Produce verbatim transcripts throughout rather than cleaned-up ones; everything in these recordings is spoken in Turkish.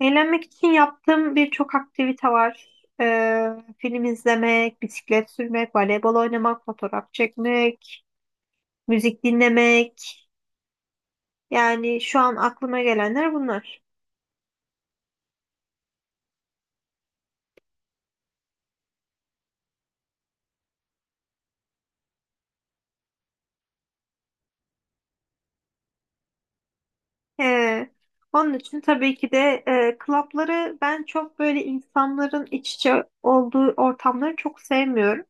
Eğlenmek için yaptığım birçok aktivite var. Ee, Film izlemek, bisiklet sürmek, voleybol oynamak, fotoğraf çekmek, müzik dinlemek. Yani şu an aklıma gelenler bunlar. Ee, Onun için tabii ki de e, klapları ben çok böyle insanların iç içe olduğu ortamları çok sevmiyorum.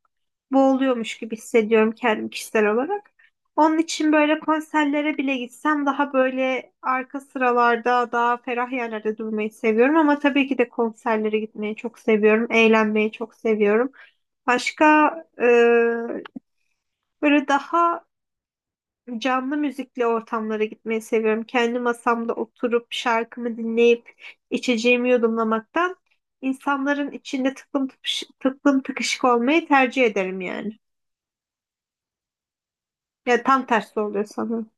Boğuluyormuş gibi hissediyorum kendim kişisel olarak. Onun için böyle konserlere bile gitsem daha böyle arka sıralarda daha ferah yerlerde durmayı seviyorum ama tabii ki de konserlere gitmeyi çok seviyorum. Eğlenmeyi çok seviyorum. Başka e, böyle daha canlı müzikli ortamlara gitmeyi seviyorum. Kendi masamda oturup şarkımı dinleyip içeceğimi yudumlamaktan insanların içinde tıklım tıkış, tıklım tıkışık olmayı tercih ederim yani. Ya tam tersi oluyor sanırım.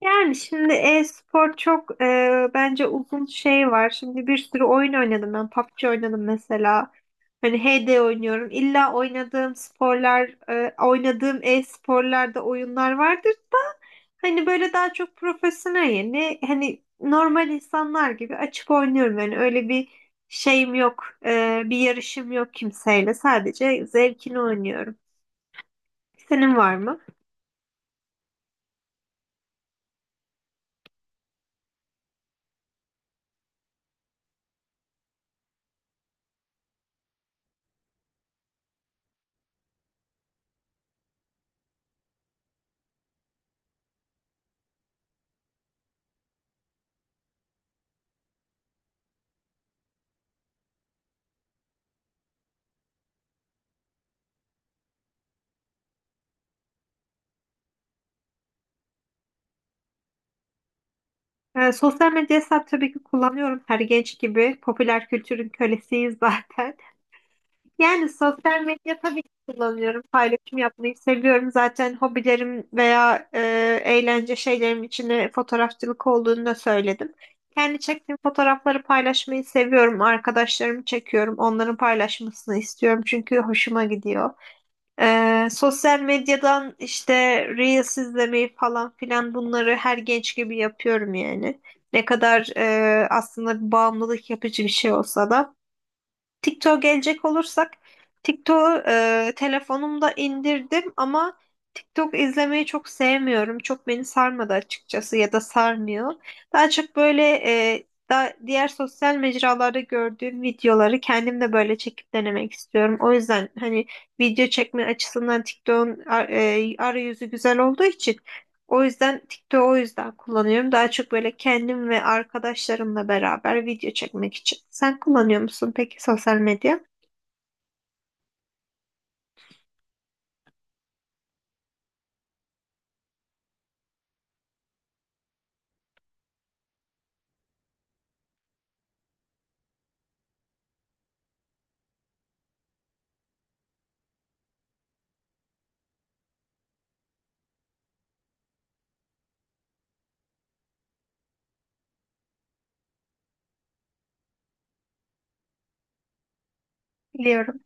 Yani şimdi e-spor çok e, bence uzun şey var. Şimdi bir sürü oyun oynadım ben. PUBG oynadım mesela. Hani H D oynuyorum. İlla oynadığım sporlar, e, oynadığım e-sporlarda oyunlar vardır da hani böyle daha çok profesyonel yani hani normal insanlar gibi açıp oynuyorum. Yani öyle bir şeyim yok. E, bir yarışım yok kimseyle. Sadece zevkini oynuyorum. Senin var mı? Ee, sosyal medya hesap tabii ki kullanıyorum her genç gibi. Popüler kültürün kölesiyiz zaten. Yani sosyal medya tabii ki kullanıyorum. Paylaşım yapmayı seviyorum. Zaten hobilerim veya e, eğlence şeylerim içinde fotoğrafçılık olduğunu da söyledim. Kendi çektiğim fotoğrafları paylaşmayı seviyorum. Arkadaşlarımı çekiyorum. Onların paylaşmasını istiyorum çünkü hoşuma gidiyor. Ee, sosyal medyadan işte Reels izlemeyi falan filan bunları her genç gibi yapıyorum yani. Ne kadar e, aslında bir bağımlılık yapıcı bir şey olsa da. TikTok'a gelecek olursak TikTok'u e, telefonumda indirdim ama TikTok izlemeyi çok sevmiyorum. Çok beni sarmadı açıkçası ya da sarmıyor. Daha çok böyle e, da, diğer sosyal mecralarda gördüğüm videoları kendim de böyle çekip denemek istiyorum. O yüzden hani video çekme açısından TikTok'un ar- e, arayüzü güzel olduğu için o yüzden TikTok'u o yüzden kullanıyorum. Daha çok böyle kendim ve arkadaşlarımla beraber video çekmek için. Sen kullanıyor musun peki sosyal medya? Biliyorum.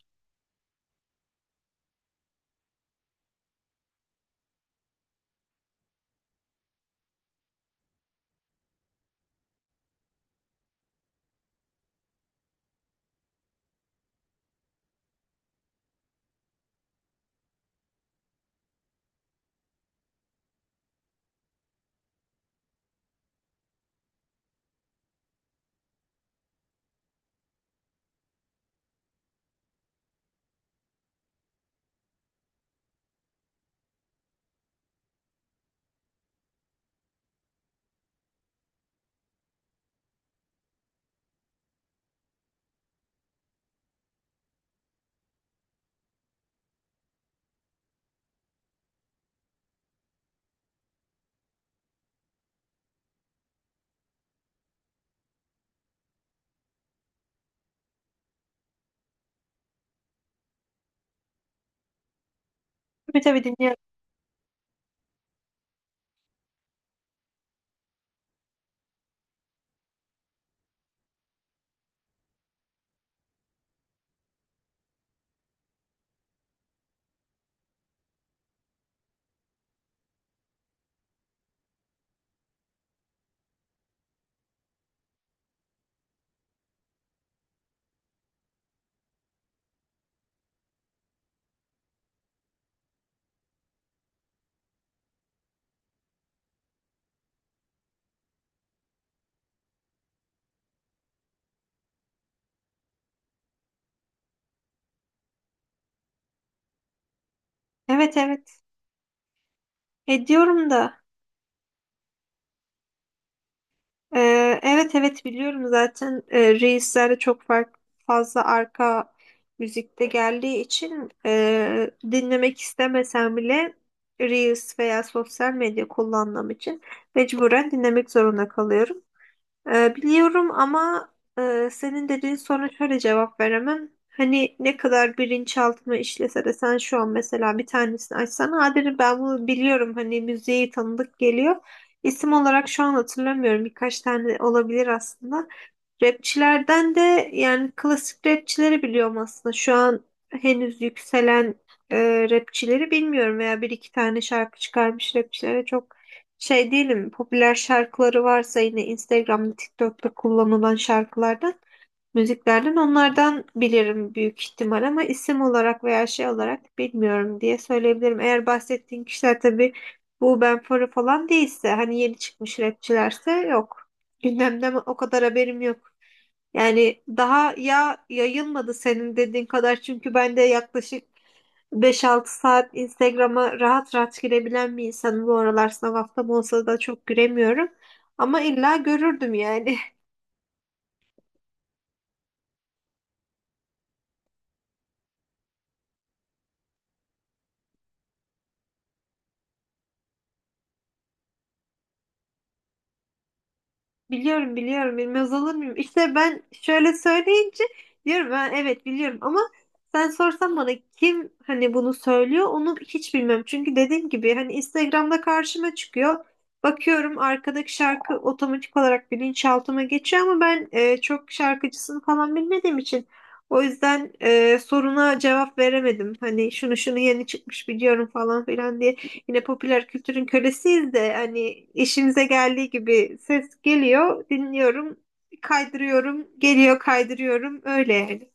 Tabii tabii, dinliyorum. Evet, evet. Ediyorum da. Ee, evet evet biliyorum zaten, e, Reels'lerde çok fark, fazla arka müzikte geldiği için e, dinlemek istemesem bile Reels veya sosyal medya kullandığım için mecburen dinlemek zorunda kalıyorum. Ee, biliyorum ama e, senin dediğin soruna şöyle cevap veremem. Hani ne kadar bilinçaltına işlese de sen şu an mesela bir tanesini açsan ha derim ben bunu biliyorum, hani müziği tanıdık geliyor. İsim olarak şu an hatırlamıyorum, birkaç tane olabilir aslında. Rapçilerden de yani klasik rapçileri biliyorum aslında. Şu an henüz yükselen e, rapçileri bilmiyorum veya bir iki tane şarkı çıkarmış rapçilere çok şey değilim. Popüler şarkıları varsa yine Instagram'da, TikTok'ta kullanılan şarkılardan, müziklerden onlardan bilirim büyük ihtimal ama isim olarak veya şey olarak bilmiyorum diye söyleyebilirim. Eğer bahsettiğin kişiler tabii bu Ben Fero falan değilse hani yeni çıkmış rapçilerse yok. Gündemde o kadar haberim yok. Yani daha ya yayılmadı senin dediğin kadar çünkü ben de yaklaşık beş altı saat Instagram'a rahat rahat girebilen bir insanım. Bu aralar sınav haftam olsa da çok giremiyorum. Ama illa görürdüm yani. Biliyorum, biliyorum, bilmez olur muyum? İşte ben şöyle söyleyince diyorum ben evet biliyorum ama sen sorsan bana kim hani bunu söylüyor onu hiç bilmem. Çünkü dediğim gibi hani Instagram'da karşıma çıkıyor. Bakıyorum arkadaki şarkı otomatik olarak bilinçaltıma geçiyor ama ben e, çok şarkıcısını falan bilmediğim için o yüzden e, soruna cevap veremedim. Hani şunu şunu yeni çıkmış biliyorum falan filan diye. Yine popüler kültürün kölesiyiz de hani işimize geldiği gibi ses geliyor, dinliyorum, kaydırıyorum, geliyor, kaydırıyorum öyle yani.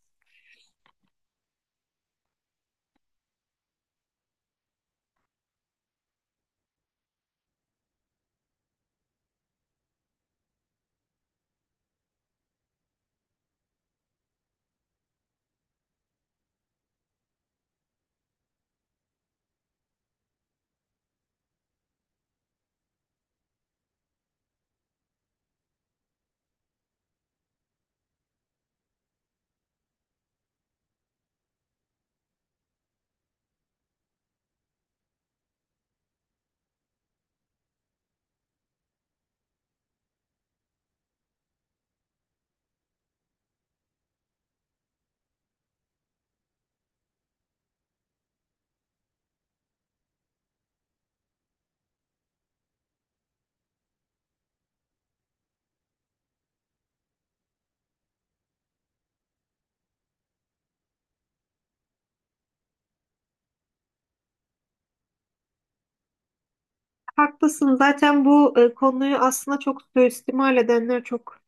Haklısın, zaten bu e, konuyu aslında çok suistimal edenler, çok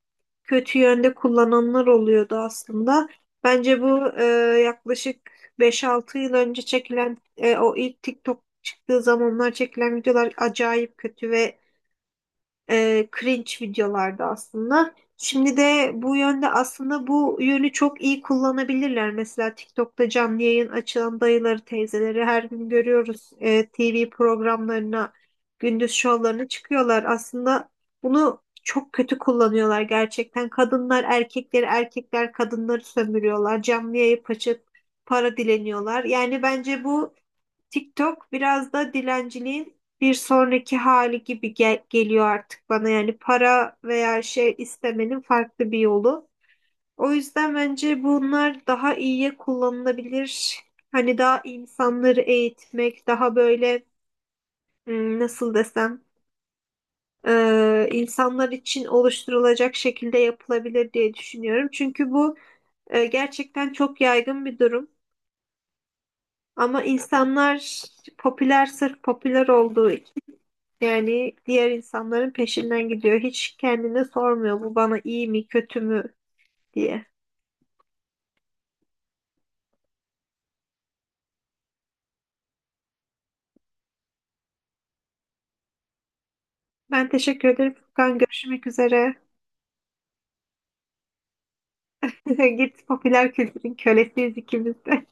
kötü yönde kullananlar oluyordu aslında. Bence bu e, yaklaşık beş altı yıl önce çekilen e, o ilk TikTok çıktığı zamanlar çekilen videolar acayip kötü ve e, cringe videolarda aslında. Şimdi de bu yönde aslında bu yönü çok iyi kullanabilirler. Mesela TikTok'ta canlı yayın açılan dayıları, teyzeleri her gün görüyoruz. E, T V programlarına, gündüz şovlarına çıkıyorlar. Aslında bunu çok kötü kullanıyorlar gerçekten. Kadınlar erkekleri, erkekler kadınları sömürüyorlar. Canlı yayıp açıp para dileniyorlar. Yani bence bu TikTok biraz da dilenciliğin bir sonraki hali gibi gel- geliyor artık bana. Yani para veya şey istemenin farklı bir yolu. O yüzden bence bunlar daha iyiye kullanılabilir. Hani daha insanları eğitmek, daha böyle, hmm, nasıl desem, e, insanlar için oluşturulacak şekilde yapılabilir diye düşünüyorum. Çünkü bu e, gerçekten çok yaygın bir durum. Ama insanlar popüler, sırf popüler olduğu, yani diğer insanların peşinden gidiyor. Hiç kendine sormuyor bu bana iyi mi kötü mü diye. Ben teşekkür ederim Furkan. Görüşmek üzere. Git, popüler kültürün kölesiyiz ikimiz de.